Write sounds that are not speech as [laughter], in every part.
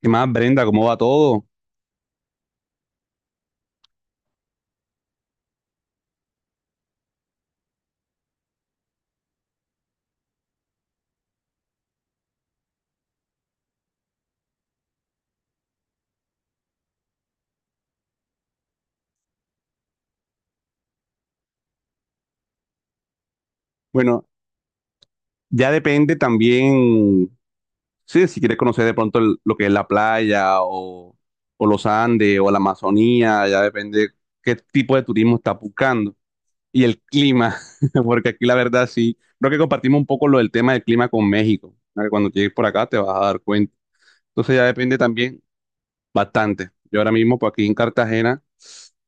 ¿Qué más, Brenda? ¿Cómo va todo? Bueno, ya depende también, sí, si quieres conocer de pronto lo que es la playa o los Andes o la Amazonía, ya depende qué tipo de turismo estás buscando y el clima, [laughs] porque aquí la verdad sí, creo que compartimos un poco lo del tema del clima con México, ¿no? Que cuando llegues por acá te vas a dar cuenta. Entonces ya depende también bastante. Yo ahora mismo, por aquí en Cartagena,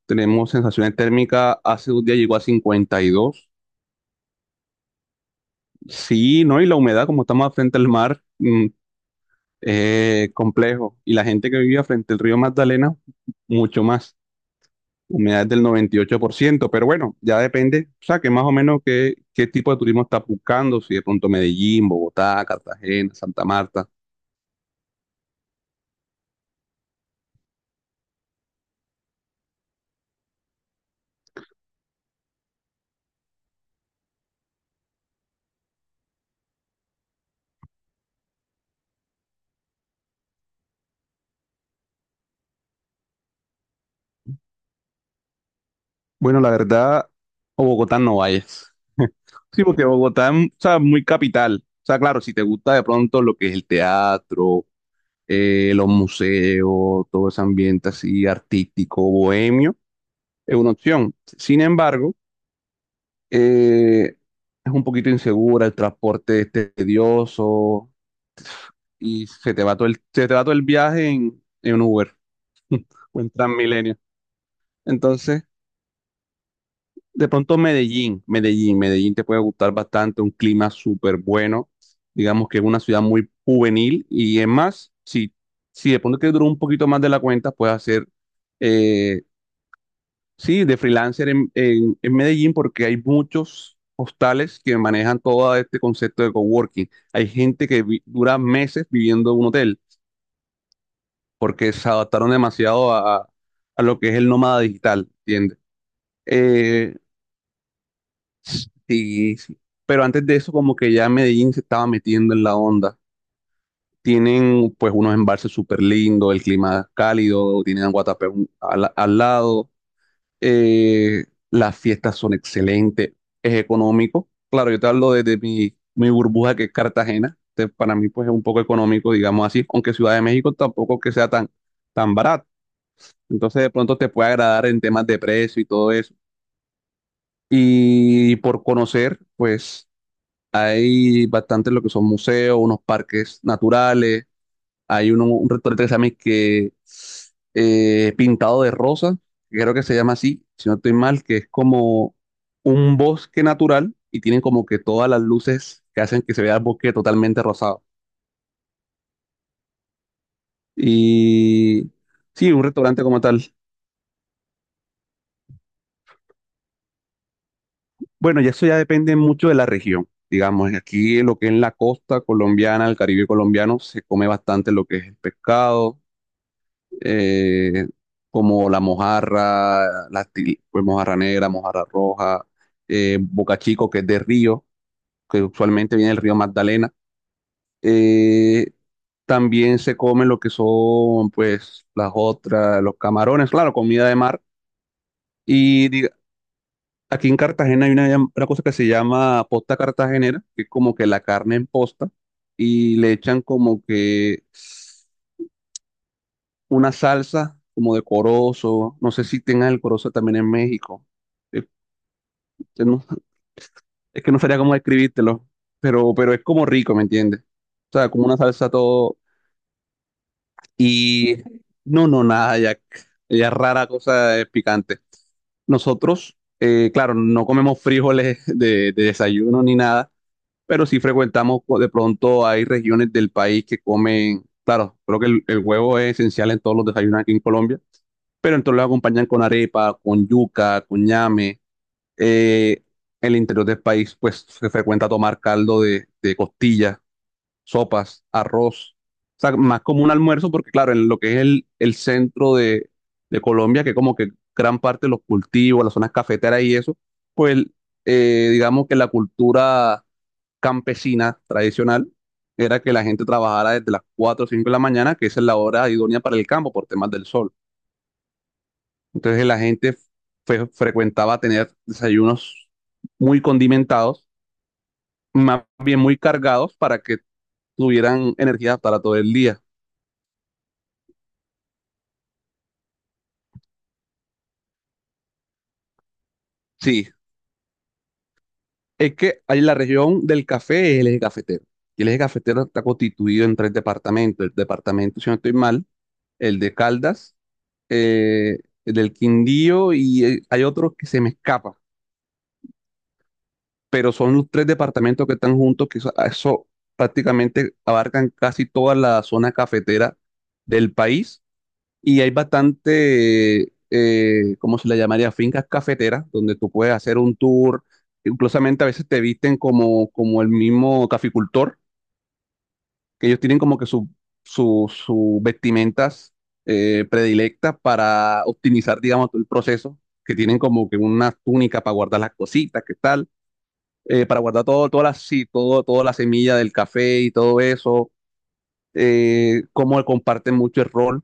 tenemos sensaciones térmicas, hace un día llegó a 52. Sí, ¿no? Y la humedad, como estamos frente al mar, complejo. Y la gente que vivía frente al río Magdalena, mucho más. Humedad es del 98%, pero bueno, ya depende, o sea, que más o menos qué tipo de turismo estás buscando, si de pronto Medellín, Bogotá, Cartagena, Santa Marta. Bueno, la verdad, a Bogotá no vayas. Sí, porque Bogotá es, o sea, muy capital. O sea, claro, si te gusta de pronto lo que es el teatro, los museos, todo ese ambiente así artístico, bohemio. Es una opción. Sin embargo, eh, es un poquito insegura, el transporte es tedioso y se te va todo el, se te va todo el viaje en un Uber o en Transmilenio. Entonces, de pronto Medellín te puede gustar bastante, un clima súper bueno. Digamos que es una ciudad muy juvenil y es más, si de pronto te dura un poquito más de la cuenta, puedes hacer eh, sí, de freelancer en Medellín porque hay muchos hostales que manejan todo este concepto de coworking. Hay gente que dura meses viviendo en un hotel porque se adaptaron demasiado a lo que es el nómada digital, ¿entiendes? Eh, sí, sí. Pero antes de eso como que ya Medellín se estaba metiendo en la onda. Tienen pues unos embalses súper lindos, el clima cálido, tienen a Guatapé al lado. eh, las fiestas son excelentes, es económico. Claro, yo te hablo desde mi burbuja que es Cartagena. Entonces, para mí, pues es un poco económico, digamos así, aunque Ciudad de México tampoco que sea tan, tan barato. Entonces, de pronto te puede agradar en temas de precio y todo eso. Y por conocer, pues hay bastante lo que son museos, unos parques naturales hay uno, un restaurante que se llama y que, Pintado de Rosa, que creo que se llama así, si no estoy mal, que es como un bosque natural y tienen como que todas las luces que hacen que se vea el bosque totalmente rosado. Y sí, un restaurante como tal. Bueno, y eso ya depende mucho de la región. Digamos, aquí lo que es la costa colombiana, el Caribe colombiano, se come bastante lo que es el pescado eh, como la mojarra, pues, mojarra negra, mojarra roja, bocachico, que es de río, que usualmente viene del río Magdalena. Eh, También se comen lo que son, pues, las otras, los camarones, claro, comida de mar. Y diga- Aquí en Cartagena hay una cosa que se llama posta cartagenera, que es como que la carne en posta, y le echan como que una salsa como de corozo. No sé si tengan el corozo también en México. Eh, eh, no- [laughs] es que no sabría cómo describírtelo, pero es como rico, ¿me entiendes? O sea, como una salsa todo. Y no, no, nada, ya rara cosa es picante. Nosotros, claro, no comemos frijoles [laughs] de desayuno ni nada, pero sí frecuentamos, pues, de pronto hay regiones del país que comen, claro, creo que el huevo es esencial en todos los desayunos aquí en Colombia, pero entonces lo acompañan con arepa, con yuca, con ñame. Eh, el interior del país, pues se frecuenta tomar caldo de costillas, sopas, arroz. O sea, más como un almuerzo, porque claro, en lo que es el centro de Colombia, que como que gran parte de los cultivos, las zonas cafeteras y eso, pues digamos que la cultura campesina tradicional era que la gente trabajara desde las 4 o 5 de la mañana, que esa es la hora idónea para el campo por temas del sol. Entonces la gente frecuentaba tener desayunos muy condimentados, más bien muy cargados para que tuvieran energía para todo el día. Sí, es que hay, la región del café es el eje cafetero. Y el eje cafetero está constituido en tres departamentos. El departamento, si no estoy mal, el de Caldas, eh, el del Quindío y hay otro que se me escapa. Pero son los tres departamentos que están juntos, que eso prácticamente abarcan casi toda la zona cafetera del país y hay bastante, ¿cómo se le llamaría? Fincas cafeteras donde tú puedes hacer un tour, inclusivamente a veces te visten como el mismo caficultor, que ellos tienen como que sus vestimentas predilectas para optimizar, digamos, todo el proceso, que tienen como que una túnica para guardar las cositas, ¿qué tal? Para guardar todo, toda la, sí, todo, toda la semilla del café y todo eso, cómo comparten mucho el rol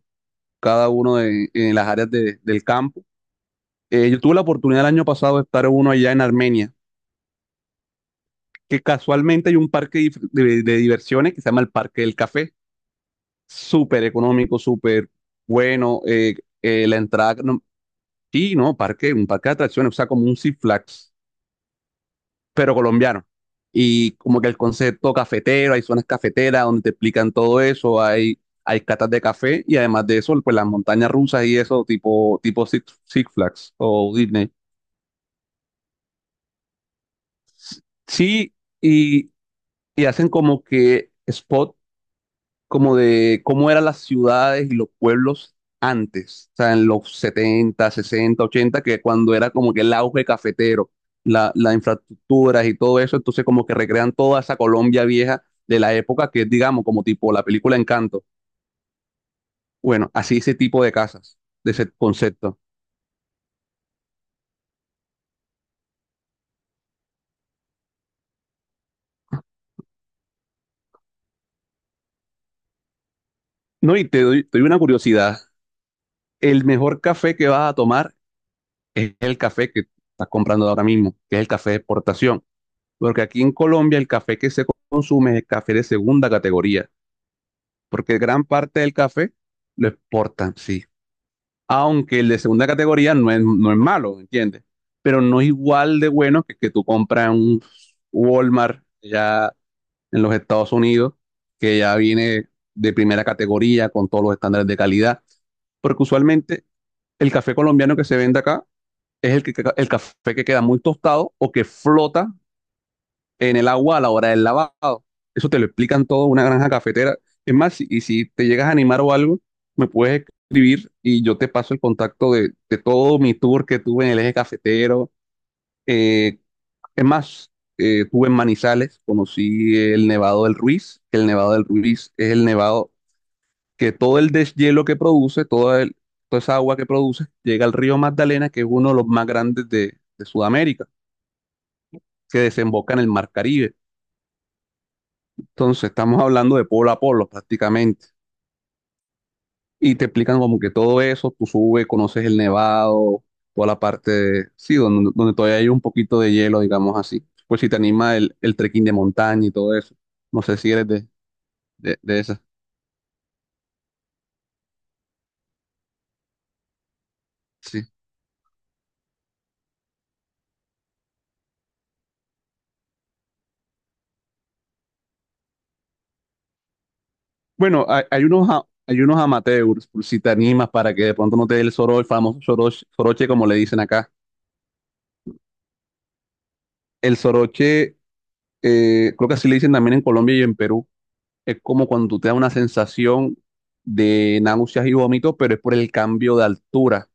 cada uno de, en las áreas del campo. Yo tuve la oportunidad el año pasado de estar en uno allá en Armenia, que casualmente hay un parque de diversiones que se llama el Parque del Café, súper económico, súper bueno, la entrada, no, sí, no, parque, un parque de atracciones, o sea, como un Six Flags pero colombiano. Y como que el concepto cafetero, hay zonas cafeteras donde te explican todo eso, hay catas de café y además de eso, pues las montañas rusas y eso, tipo Six Flags o Disney. Sí, y, y hacen como que spots como de cómo eran las ciudades y los pueblos antes, o sea, en los 70, 60, 80, que cuando era como que el auge cafetero, las infraestructuras y todo eso, entonces como que recrean toda esa Colombia vieja de la época que es, digamos, como tipo la película Encanto. Bueno, así ese tipo de casas, de ese concepto. No, y te doy una curiosidad. El mejor café que vas a tomar es el café que estás comprando ahora mismo, que es el café de exportación. Porque aquí en Colombia el café que se consume es el café de segunda categoría, porque gran parte del café lo exportan, sí. Aunque el de segunda categoría no es malo, ¿entiendes? Pero no es igual de bueno que tú compras en un Walmart ya en los Estados Unidos, que ya viene de primera categoría con todos los estándares de calidad, porque usualmente el café colombiano que se vende acá es el café que queda muy tostado o que flota en el agua a la hora del lavado. Eso te lo explican todo una granja cafetera. Es más, y si te llegas a animar o algo, me puedes escribir y yo te paso el contacto de todo mi tour que tuve en el eje cafetero. Eh, es más, tuve en Manizales, conocí el Nevado del Ruiz, que el Nevado del Ruiz es el nevado que todo el deshielo que produce, toda esa agua que produce, llega al río Magdalena, que es uno de los más grandes de Sudamérica, que desemboca en el Mar Caribe. Entonces, estamos hablando de polo a polo prácticamente. Y te explican como que todo eso, tú subes, conoces el nevado, toda la parte, sí, donde todavía hay un poquito de hielo, digamos así. Pues si te anima el trekking de montaña y todo eso. No sé si eres de esas. Sí. Bueno, hay unos amateurs, por si te animas para que de pronto no te dé el soroche, el famoso soroche como le dicen acá. El soroche, creo que así le dicen también en Colombia y en Perú es como cuando tú te da una sensación de náuseas y vómitos, pero es por el cambio de altura.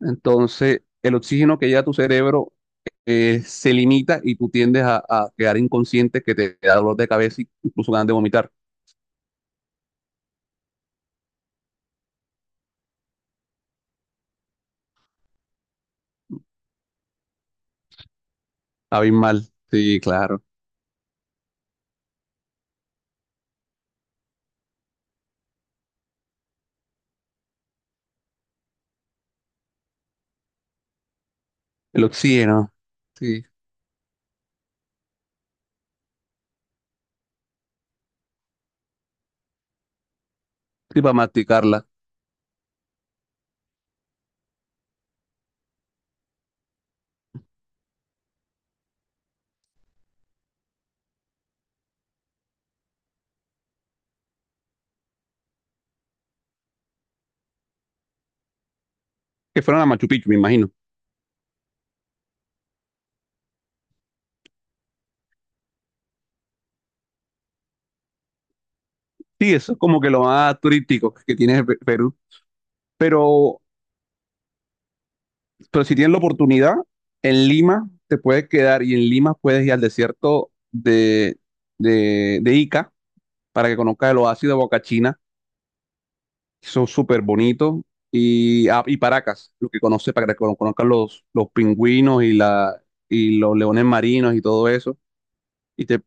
Entonces, el oxígeno que llega a tu cerebro se limita y tú tiendes a quedar inconsciente, que te da dolor de cabeza y incluso ganas de vomitar. Abismal. Sí, claro. El oxígeno. Sí. Sí, para masticarla. Que fueron a Machu Picchu, me imagino. Sí, eso es como que lo más turístico que tiene Perú. Pero Pero si tienes la oportunidad, en Lima te puedes quedar y en Lima puedes ir al desierto de, de Ica para que conozcas el oasis de Boca que son súper bonitos, y Paracas, lo que conoces, para que conozcas los pingüinos y los leones marinos y todo eso. Y te,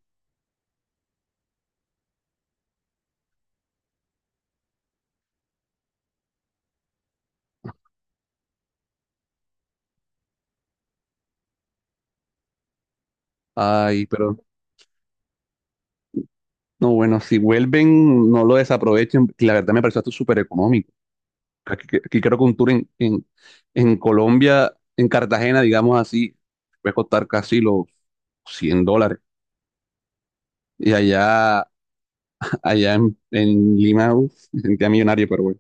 Ay, pero no, bueno, si vuelven, no lo desaprovechen, que la verdad me pareció esto súper económico. Aquí creo que un tour en, en Colombia, en Cartagena, digamos así, puede costar casi los $100. Y allá en Lima, uf, me sentía millonario, pero bueno.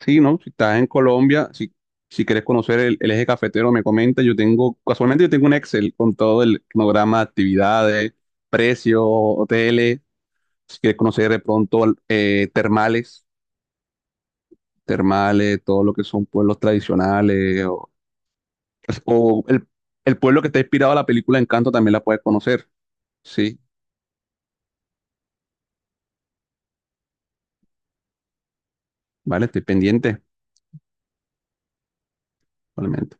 Sí, ¿no? Si estás en Colombia, si quieres conocer el eje cafetero, me comenta. Casualmente yo tengo un Excel con todo el cronograma, actividades, precios, hoteles. Si quieres conocer de pronto termales, todo lo que son pueblos tradicionales, o el pueblo que está inspirado a la película Encanto también la puedes conocer. Sí, vale, estoy pendiente, probablemente.